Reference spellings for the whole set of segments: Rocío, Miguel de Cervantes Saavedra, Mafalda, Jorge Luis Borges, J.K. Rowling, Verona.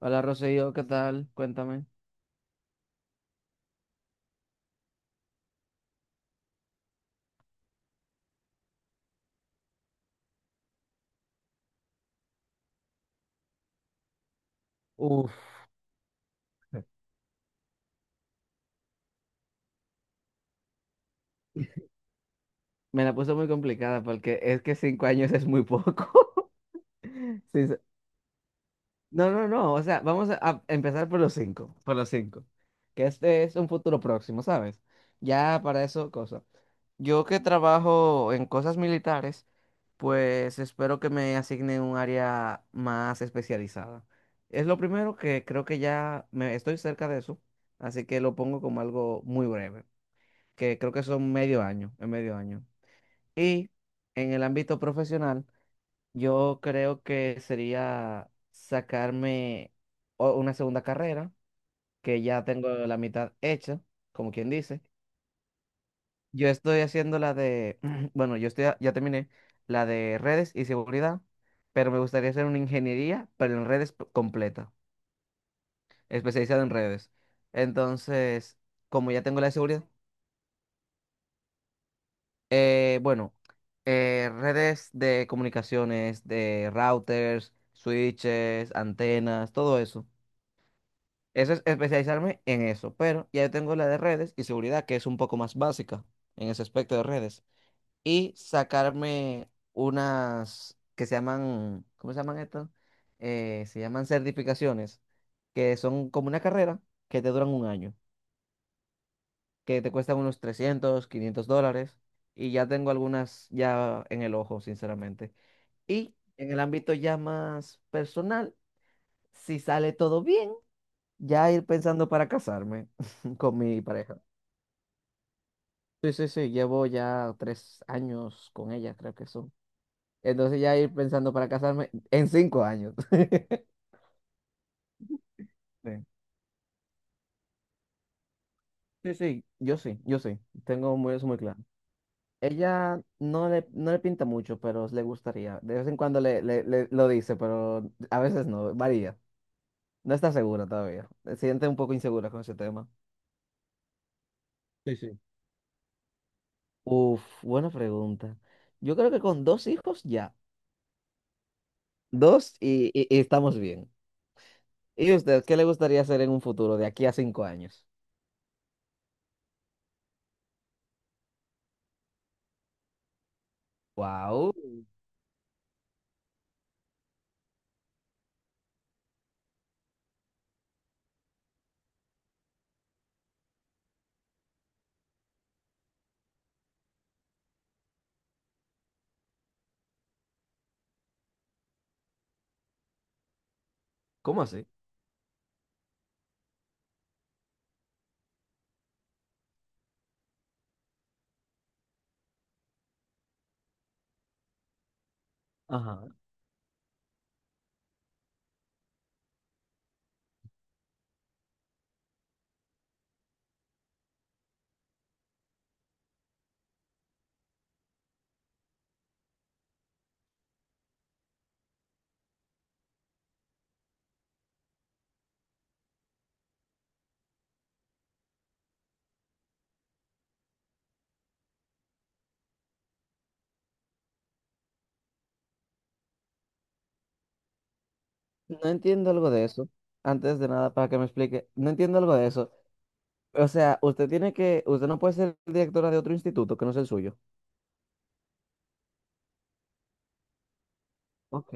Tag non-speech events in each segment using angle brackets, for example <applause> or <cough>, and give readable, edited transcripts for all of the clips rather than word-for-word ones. Hola Rocío, ¿qué tal? Cuéntame. Uf. Me la puse muy complicada porque es que 5 años es muy poco. <laughs> Sí, no, no, no. O sea, vamos a empezar por los cinco. Por los cinco. Que este es un futuro próximo, ¿sabes? Ya para eso, cosa. Yo que trabajo en cosas militares, pues espero que me asigne un área más especializada. Es lo primero que creo que ya me estoy cerca de eso, así que lo pongo como algo muy breve. Que creo que son medio año, en medio año. Y en el ámbito profesional, yo creo que sería sacarme una segunda carrera, que ya tengo la mitad hecha, como quien dice. Yo estoy haciendo la de, <clears throat> bueno, yo estoy, ya terminé la de redes y seguridad, pero me gustaría hacer una ingeniería, pero en redes completa, especializada en redes. Entonces, como ya tengo la de seguridad. Bueno, redes de comunicaciones, de routers, switches, antenas, todo eso. Eso es especializarme en eso, pero ya yo tengo la de redes y seguridad, que es un poco más básica en ese aspecto de redes. Y sacarme unas que se llaman, ¿cómo se llaman estas? Se llaman certificaciones, que son como una carrera que te duran un año que te cuestan unos $300-$500 y ya tengo algunas ya en el ojo, sinceramente. Y en el ámbito ya más personal, si sale todo bien, ya ir pensando para casarme <laughs> con mi pareja. Sí, sí, sí, llevo ya 3 años con ella, creo que son. Entonces ya ir pensando para casarme en 5 años. <laughs> Sí, sí, sí, yo sí, yo sí, tengo muy, eso muy claro. Ella no le, no le pinta mucho, pero le gustaría. De vez en cuando lo dice, pero a veces no, varía. No está segura todavía. Se siente un poco insegura con ese tema. Sí, sí. Uf, buena pregunta. Yo creo que con dos hijos ya. Dos y estamos bien. ¿Y usted qué le gustaría hacer en un futuro de aquí a 5 años? Wow, ¿cómo así? Ajá. No entiendo algo de eso. Antes de nada, para que me explique, no entiendo algo de eso. O sea, usted tiene que, usted no puede ser directora de otro instituto que no sea el suyo. Ok,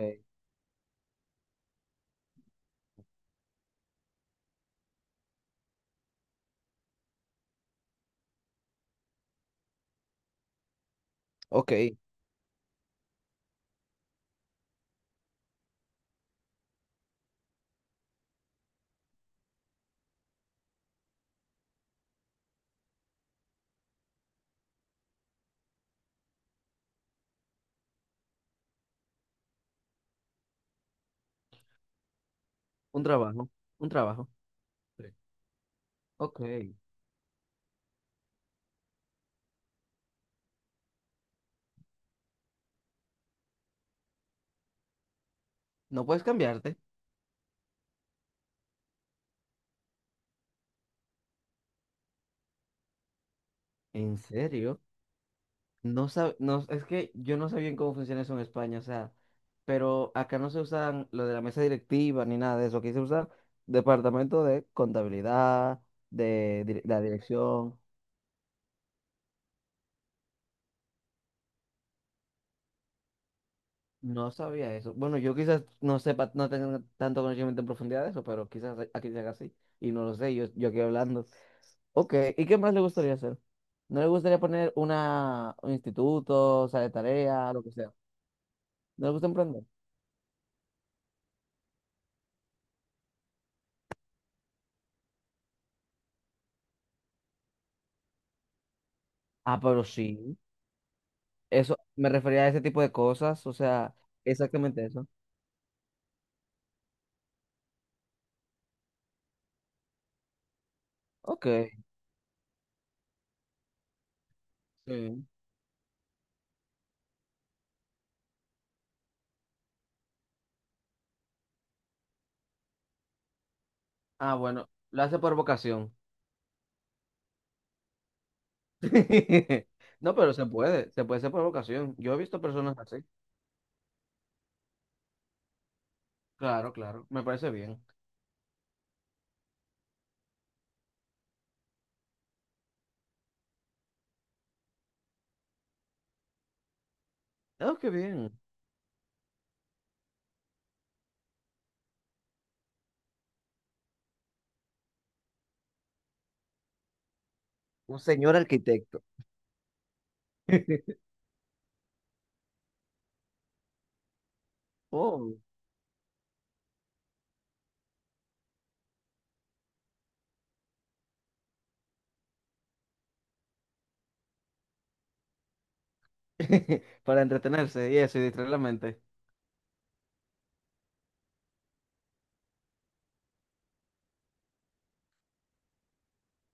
ok, un trabajo, un trabajo. Sí. Ok, no puedes cambiarte. ¿En serio? No, es que yo no sé bien cómo funciona eso en España, o sea, pero acá no se usan lo de la mesa directiva ni nada de eso. Aquí se usa departamento de contabilidad, la dirección. No sabía eso. Bueno, yo quizás no sepa, no tenga tanto conocimiento en profundidad de eso, pero quizás aquí se haga así. Y no lo sé, yo aquí hablando. Ok, ¿y qué más le gustaría hacer? ¿No le gustaría poner una, un instituto, o sea, de tarea, lo que sea? ¿No le gusta emprender? Ah, pero sí. Eso, me refería a ese tipo de cosas, o sea, exactamente eso. Ok, sí. Ah, bueno, lo hace por vocación. <laughs> No, pero se puede hacer por vocación. Yo he visto personas así. Claro, claro, me parece bien. Oh, qué bien. Un señor arquitecto. <laughs> Oh, <laughs> para entretenerse y eso, y distraer la mente.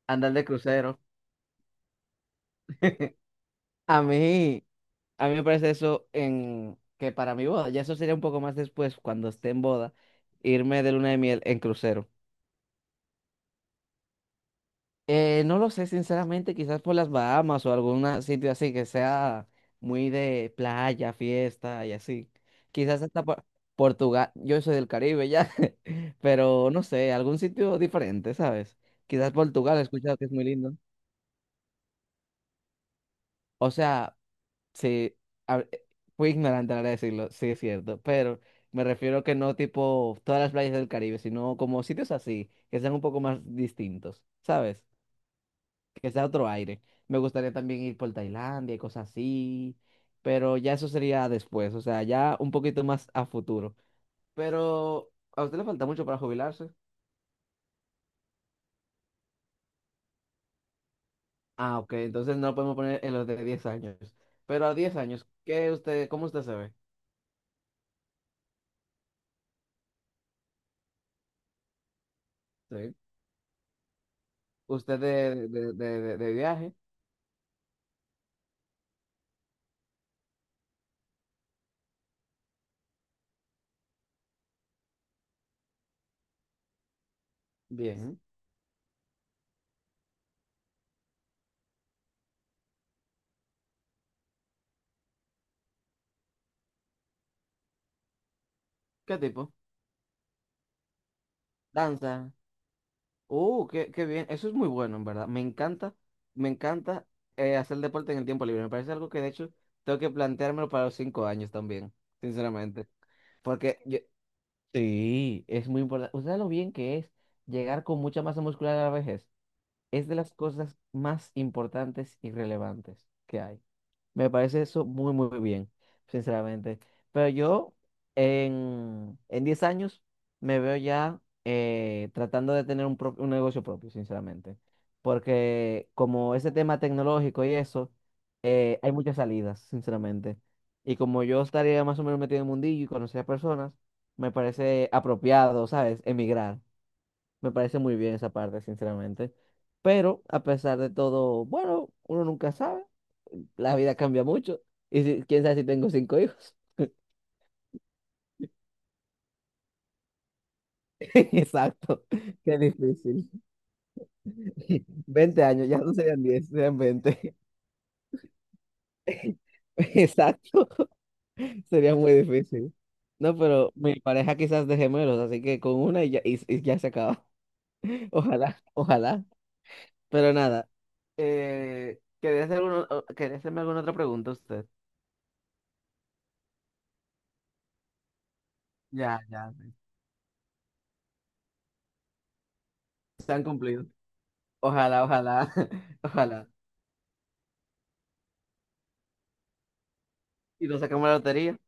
Andar de crucero. <laughs> A mí, a mí me parece eso en que para mi boda, ya eso sería un poco más después, cuando esté en boda, irme de luna de miel en crucero. No lo sé, sinceramente, quizás por las Bahamas o algún sitio así que sea muy de playa, fiesta y así. Quizás hasta Portugal, yo soy del Caribe ya, <laughs> pero no sé, algún sitio diferente, ¿sabes? Quizás Portugal, he escuchado que es muy lindo. O sea, sí, a- fui ignorante a la hora de decirlo, sí es cierto, pero me refiero que no tipo todas las playas del Caribe, sino como sitios así, que sean un poco más distintos, ¿sabes? Que sea otro aire. Me gustaría también ir por Tailandia y cosas así, pero ya eso sería después, o sea, ya un poquito más a futuro. Pero a usted le falta mucho para jubilarse. Ah, ok, entonces no lo podemos poner en los de 10 años. Pero a 10 años, ¿qué usted, cómo usted se ve? Sí. ¿Usted de viaje? Bien. ¿Qué tipo? Danza. Qué bien. Eso es muy bueno, en verdad. Me encanta hacer deporte en el tiempo libre. Me parece algo que de hecho tengo que planteármelo para los 5 años también, sinceramente. Porque sí, es muy importante. Ustedes lo bien que es llegar con mucha masa muscular a la vejez. Es de las cosas más importantes y relevantes que hay. Me parece eso muy, muy bien, sinceramente. Pero yo en 10 años me veo ya tratando de tener un negocio propio, sinceramente. Porque como ese tema tecnológico y eso, hay muchas salidas, sinceramente. Y como yo estaría más o menos metido en el mundillo y conocer a personas, me parece apropiado, ¿sabes? Emigrar. Me parece muy bien esa parte, sinceramente. Pero a pesar de todo, bueno, uno nunca sabe. La vida cambia mucho. Quién sabe si tengo cinco hijos. <laughs> Exacto. Qué difícil. <laughs> Veinte años, ya no serían 10 serían 20, <laughs> Exacto. Sería muy difícil. No, pero mi pareja quizás de gemelos, así que con una y ya, y ya se acaba. <laughs> Ojalá, ojalá. Pero nada. ¿Quería hacerme alguna otra pregunta usted? Ya, ya. Se han cumplido. Ojalá, ojalá, <laughs> ojalá. Y nos sacamos la lotería.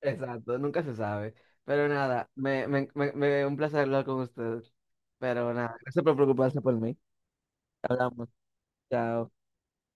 Exacto, nunca se sabe. Pero nada, un placer hablar con ustedes. Pero nada, gracias por preocuparse por mí. Hablamos. Chao.